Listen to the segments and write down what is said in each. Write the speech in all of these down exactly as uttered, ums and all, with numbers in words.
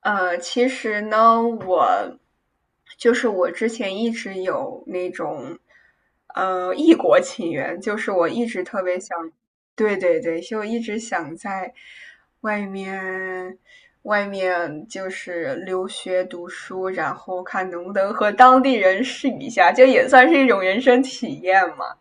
呃，其实呢，我就是我之前一直有那种呃异国情缘，就是我一直特别想。对对对，就一直想在外面外面就是留学读书，然后看能不能和当地人试一下，就也算是一种人生体验嘛。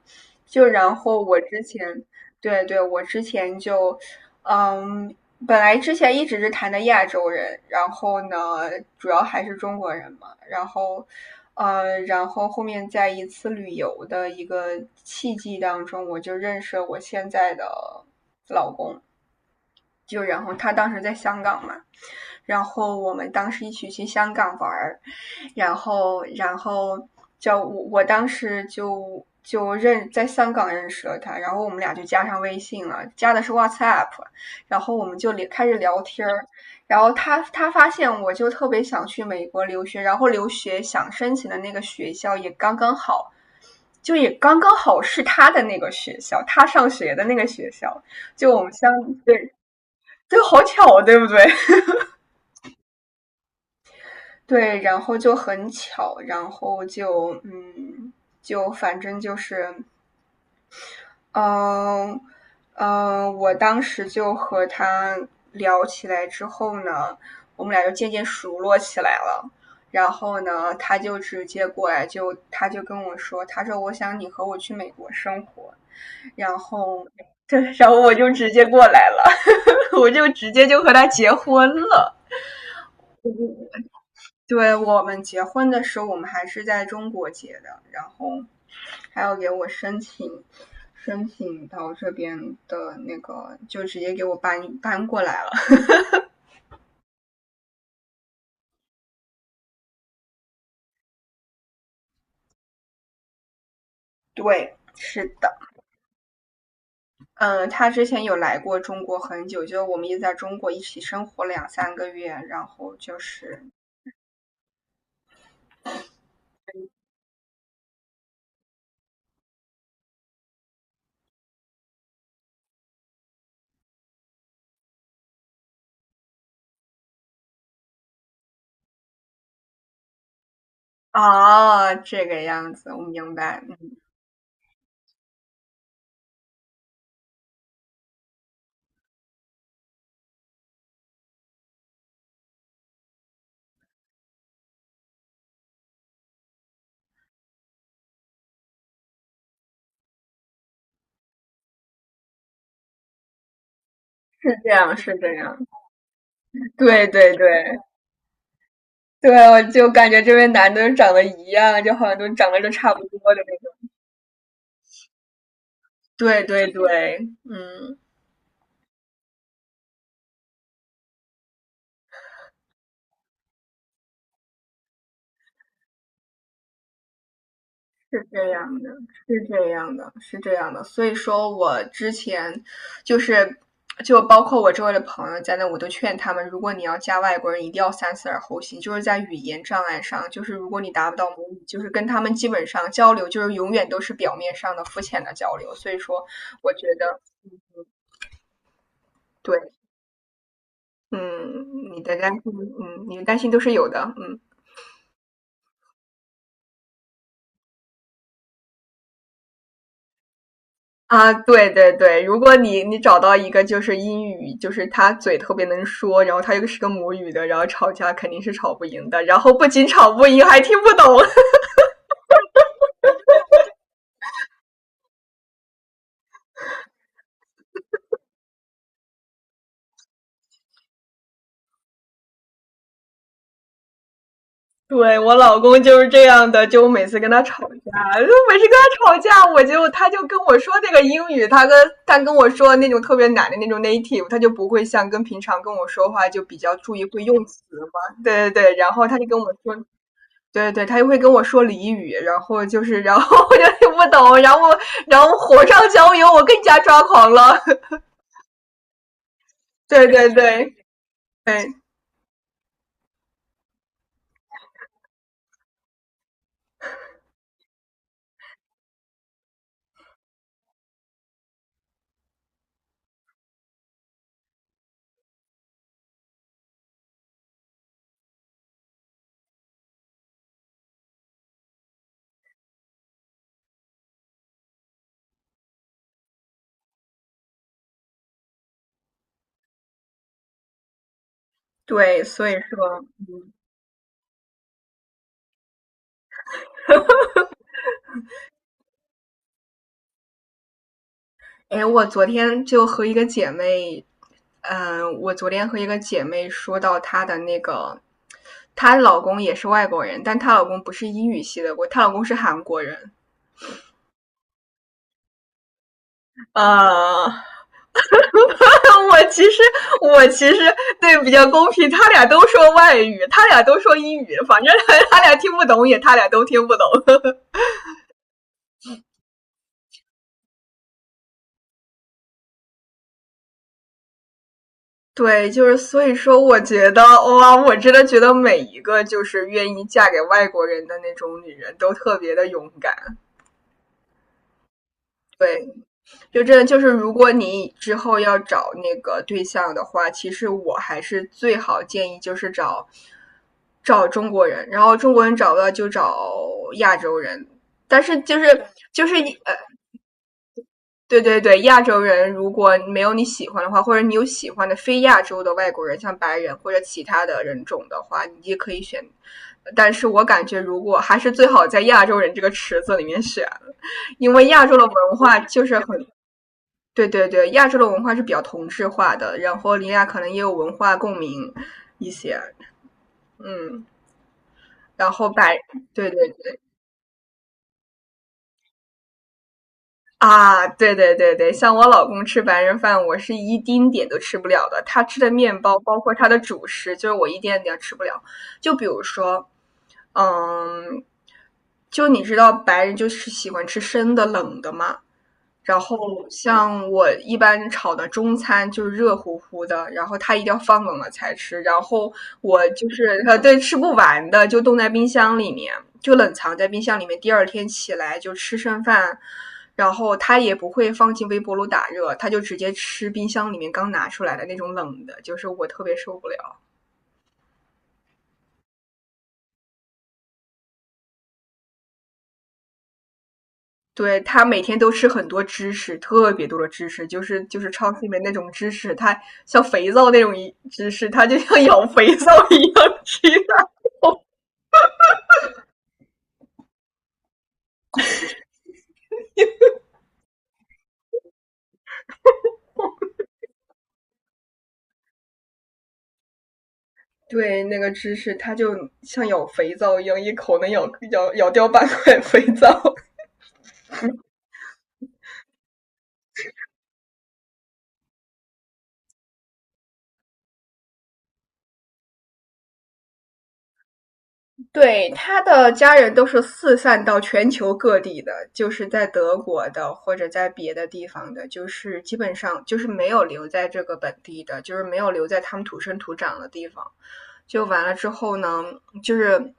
就然后我之前，对对，我之前就，嗯，本来之前一直是谈的亚洲人，然后呢，主要还是中国人嘛。然后，呃，然后后面在一次旅游的一个契机当中，我就认识了我现在的老公。就然后他当时在香港嘛，然后我们当时一起去香港玩儿。然后然后叫我我当时就就认在香港认识了他，然后我们俩就加上微信了，加的是 WhatsApp。然后我们就聊开始聊天儿。然后他他发现我就特别想去美国留学，然后留学想申请的那个学校也刚刚好。就也刚刚好是他的那个学校，他上学的那个学校。就我们相对，对，好巧啊，对不对？对，然后就很巧，然后就嗯，就反正就是。嗯嗯，我当时就和他聊起来之后呢，我们俩就渐渐熟络起来了。然后呢，他就直接过来就，他就跟我说，他说我想你和我去美国生活。然后，对，然后我就直接过来了。我就直接就和他结婚了。对，我们结婚的时候，我们还是在中国结的，然后还要给我申请，申请到这边的那个，就直接给我搬搬过来了。对，是的。嗯，他之前有来过中国很久，就我们也在中国一起生活了两三个月。然后就是啊，这个样子，我明白。嗯是这样，是这样。对对对对，我就感觉这边男的都长得一样，就好像都长得都差不多的那对对对，嗯，是这样的，是这样的，是这样的。所以说我之前就是，就包括我周围的朋友在那，我都劝他们，如果你要加外国人，一定要三思而后行，就是在语言障碍上，就是如果你达不到母语，就是跟他们基本上交流，就是永远都是表面上的肤浅的交流。所以说，我觉得对。嗯，你的担心，嗯，你的担心都是有的，嗯。啊，对对对，如果你你找到一个就是英语，就是他嘴特别能说，然后他又是个母语的，然后吵架肯定是吵不赢的，然后不仅吵不赢，还听不懂。对，我老公就是这样的，就我每次跟他吵架，就每次跟他吵架，我就他就跟我说那个英语，他跟他跟我说那种特别难的那种 native。他就不会像跟平常跟我说话就比较注意会用词嘛，对对对，然后他就跟我说，对对，他就会跟我说俚语，然后就是，然后 我就听不懂，然后然后火上浇油，我更加抓狂了。对对对对对，所以说。哎，我昨天就和一个姐妹，嗯、我昨天和一个姐妹说到她的那个，她老公也是外国人，但她老公不是英语系的，我她老公是韩国人。呃，我其实我其实对，比较公平，他俩都说外语，他俩都说英语，反正他俩听不懂也他俩都听不懂。对，就是所以说，我觉得哇，我真的觉得每一个就是愿意嫁给外国人的那种女人都特别的勇敢。对，就真的就是，如果你之后要找那个对象的话，其实我还是最好建议就是找找中国人，然后中国人找不到就找亚洲人。但是就是就是呃，对对对，亚洲人如果没有你喜欢的话，或者你有喜欢的非亚洲的外国人，像白人或者其他的人种的话，你也可以选。但是我感觉，如果还是最好在亚洲人这个池子里面选，因为亚洲的文化就是很。对对对，亚洲的文化是比较同质化的，然后林雅可能也有文化共鸣一些，嗯。然后白，对对对啊，对对对对，像我老公吃白人饭，我是一丁点都吃不了的，他吃的面包，包括他的主食，就是我一点点吃不了。就比如说，嗯，就你知道白人就是喜欢吃生的、冷的嘛。然后像我一般炒的中餐就是热乎乎的，然后他一定要放冷了才吃。然后我就是呃，对，吃不完的就冻在冰箱里面，就冷藏在冰箱里面。第二天起来就吃剩饭，然后他也不会放进微波炉打热，他就直接吃冰箱里面刚拿出来的那种冷的，就是我特别受不了。对，他每天都吃很多芝士，特别多的芝士，就是就是超市里面那种芝士，它像肥皂那种一芝士，它就像咬肥皂一样吃的。对，那个芝士它就像咬肥皂一样，一口能咬咬咬掉半块肥皂。对，他的家人都是四散到全球各地的，就是在德国的或者在别的地方的，就是基本上就是没有留在这个本地的，就是没有留在他们土生土长的地方。就完了之后呢，就是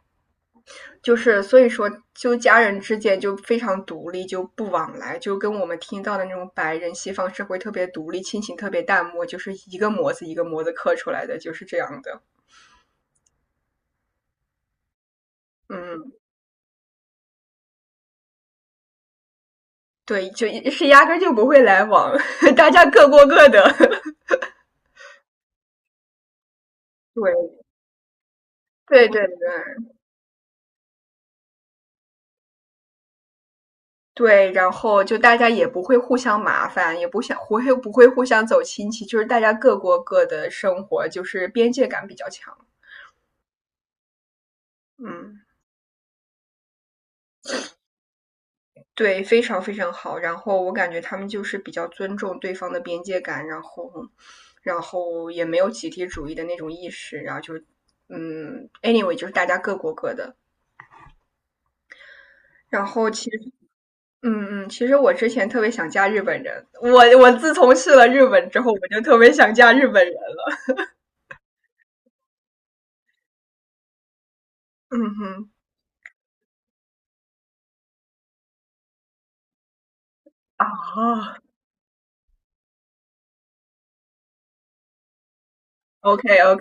就是，所以说，就家人之间就非常独立，就不往来，就跟我们听到的那种白人西方社会特别独立，亲情特别淡漠，就是一个模子一个模子刻出来的，就是这样的。嗯，对，就是压根就不会来往。大家各过各的。对对对对对，然后就大家也不会互相麻烦，也不想不会不会互相走亲戚，就是大家各过各的生活，就是边界感比较强，嗯。对，非常非常好。然后我感觉他们就是比较尊重对方的边界感，然后，然后也没有集体主义的那种意识，然后就，嗯，anyway,就是大家各过各的。然后其实，嗯嗯，其实我之前特别想嫁日本人，我我自从去了日本之后，我就特别想嫁日本人了。嗯哼，啊，OK OK。